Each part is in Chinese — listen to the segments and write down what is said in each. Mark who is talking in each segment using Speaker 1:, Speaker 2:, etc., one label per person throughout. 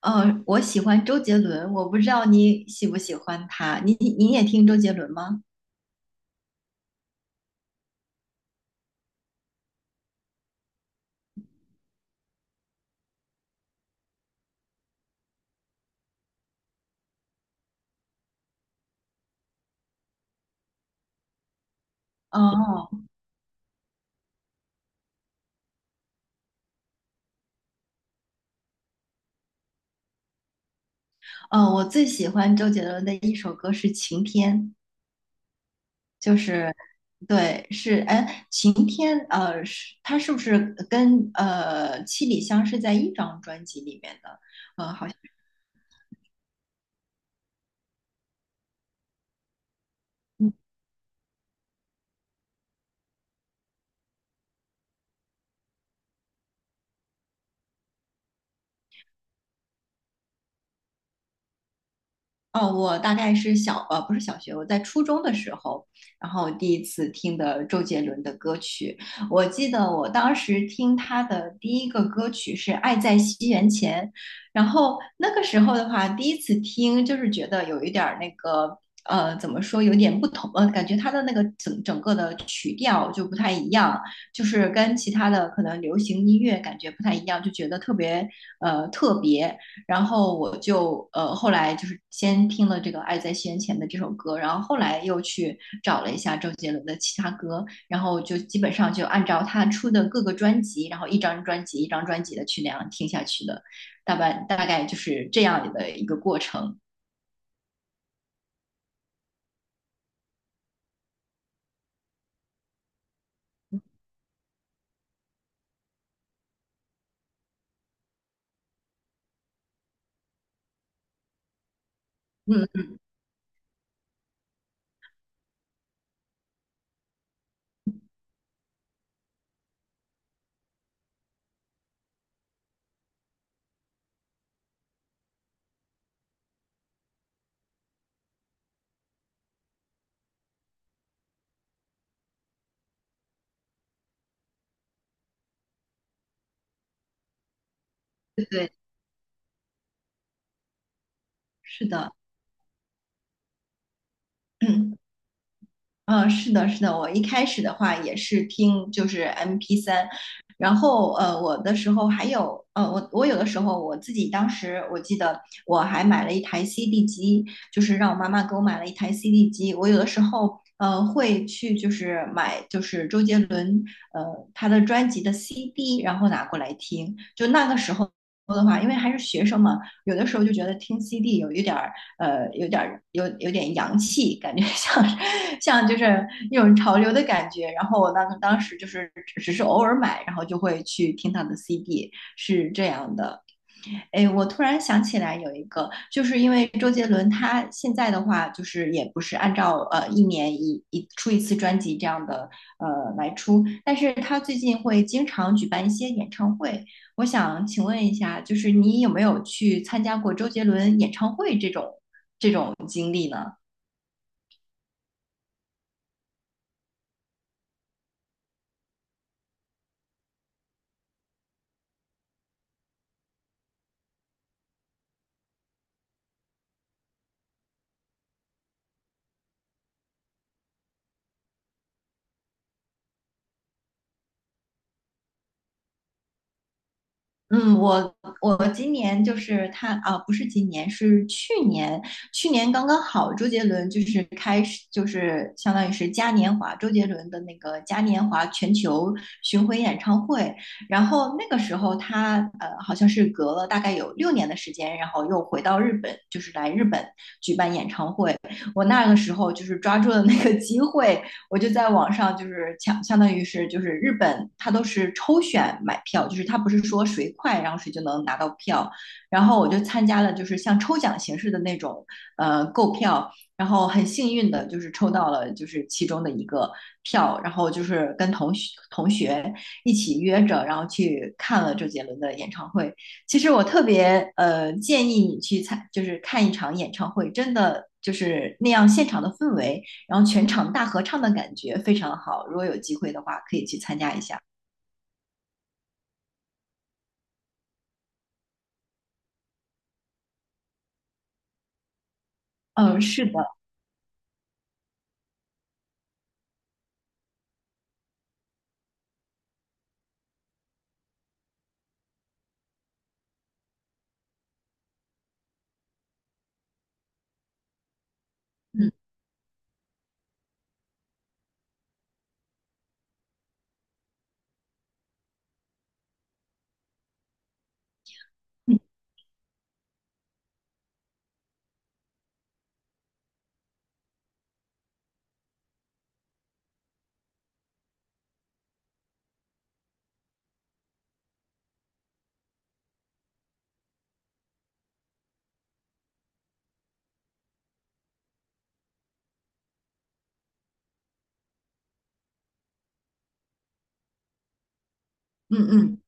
Speaker 1: 嗯，我喜欢周杰伦，我不知道你喜不喜欢他，你也听周杰伦吗？哦哦，我最喜欢周杰伦的一首歌是《晴天》，就是对，是哎，《晴天》是他是不是跟《七里香》是在一张专辑里面的？好像。哦，我大概是小，不是小学，我在初中的时候，然后第一次听的周杰伦的歌曲。我记得我当时听他的第一个歌曲是《爱在西元前》，然后那个时候的话，第一次听就是觉得有一点儿那个，怎么说，有点不同，感觉他的那个整个的曲调就不太一样，就是跟其他的可能流行音乐感觉不太一样，就觉得特别，特别。然后我就后来就是先听了这个《爱在西元前》的这首歌，然后后来又去找了一下周杰伦的其他歌，然后就基本上就按照他出的各个专辑，然后一张专辑一张专辑的去那样听下去的，大概就是这样的一个过程。嗯，对对，是的。嗯嗯，是的，是的，我一开始的话也是听就是 MP3，然后我的时候还有我有的时候我自己当时我记得我还买了一台 CD 机，就是让我妈妈给我买了一台 CD 机，我有的时候会去就是买就是周杰伦呃他的专辑的 CD，然后拿过来听，就那个时候。的话，因为还是学生嘛，有的时候就觉得听 CD 有一点儿，有点洋气，感觉 像就是那种潮流的感觉。然后我当时就是只是偶尔买，然后就会去听他的 CD，是这样的。哎，我突然想起来有一个，就是因为周杰伦他现在的话，就是也不是按照一年一出一次专辑这样的来出，但是他最近会经常举办一些演唱会。我想请问一下，就是你有没有去参加过周杰伦演唱会这种经历呢？嗯，我今年就是他啊，不是今年，是去年，去年刚刚好，周杰伦就是开始，就是相当于是嘉年华，周杰伦的那个嘉年华全球巡回演唱会，然后那个时候他好像是隔了大概有6年的时间，然后又回到日本，就是来日本举办演唱会。我那个时候就是抓住了那个机会，我就在网上就是抢，相当于是就是日本，它都是抽选买票，就是它不是说谁快然后谁就能拿到票。然后我就参加了就是像抽奖形式的那种购票，然后很幸运的就是抽到了就是其中的一个票，然后就是跟同学一起约着，然后去看了周杰伦的演唱会。其实我特别建议你就是看一场演唱会，真的就是那样现场的氛围。然后全场大合唱的感觉非常好。如果有机会的话，可以去参加一下。嗯，是的，嗯嗯嗯嗯，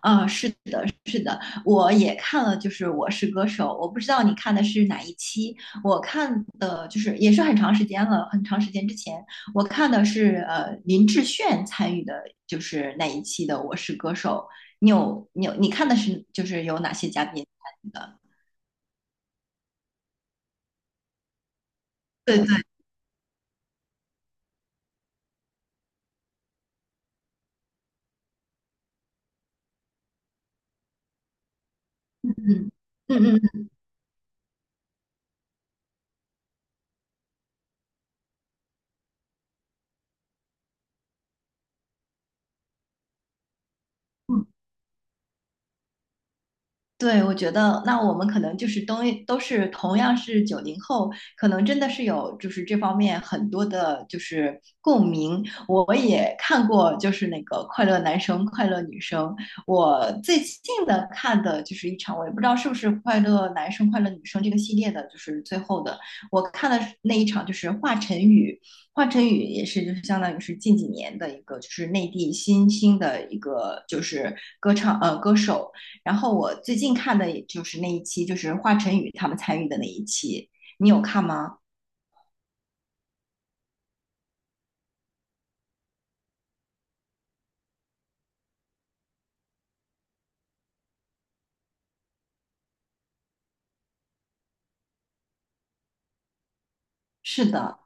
Speaker 1: 啊，是的，是的，我也看了，就是《我是歌手》，我不知道你看的是哪一期，我看的就是也是很长时间了，很长时间之前，我看的是林志炫参与的，就是那一期的《我是歌手》。你看的是就是有哪些嘉宾参与的？对对，嗯嗯嗯嗯对，我觉得那我们可能就是都是同样是90后，可能真的是有就是这方面很多的，就是共鸣。我也看过，就是那个《快乐男生》《快乐女生》，我最近的看的就是一场，我也不知道是不是《快乐男生》《快乐女生》这个系列的，就是最后的，我看的那一场就是华晨宇，华晨宇也是就是相当于是近几年的一个就是内地新兴的一个就是歌手。然后我最近看的也就是那一期，就是华晨宇他们参与的那一期，你有看吗？是的，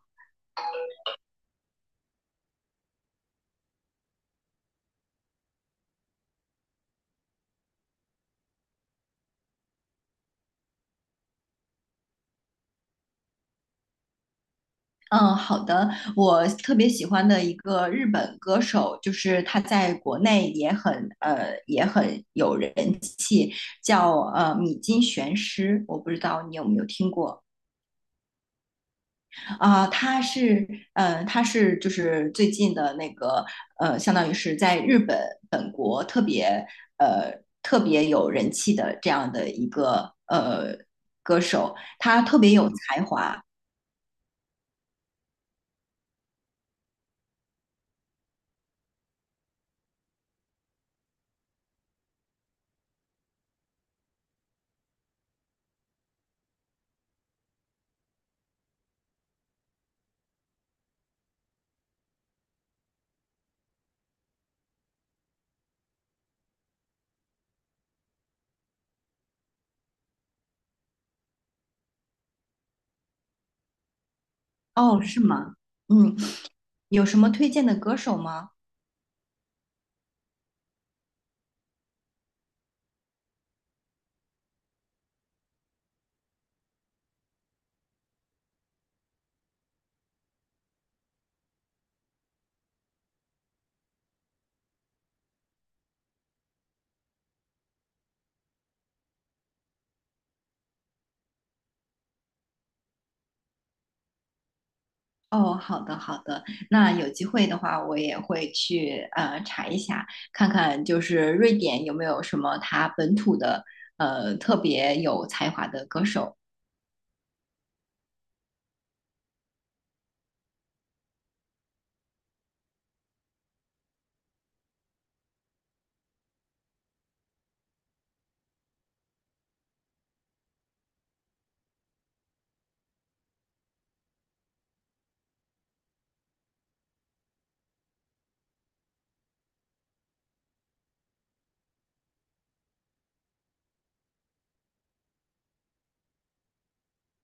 Speaker 1: 嗯，好的。我特别喜欢的一个日本歌手，就是他在国内也很有人，叫米津玄师，我不知道你有没有听过。啊，他是，他是就是最近的那个，相当于是在日本本国特别，呃，特别有人气的这样的一个歌手，他特别有才华。哦，是吗？嗯，有什么推荐的歌手吗？哦，好的，好的。那有机会的话，我也会去查一下，看看就是瑞典有没有什么他本土的特别有才华的歌手。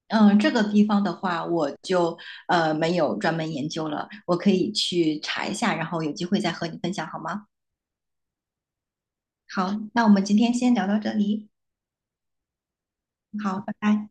Speaker 1: 嗯，这个地方的话，我就没有专门研究了，我可以去查一下，然后有机会再和你分享好吗？好，那我们今天先聊到这里，好，拜拜。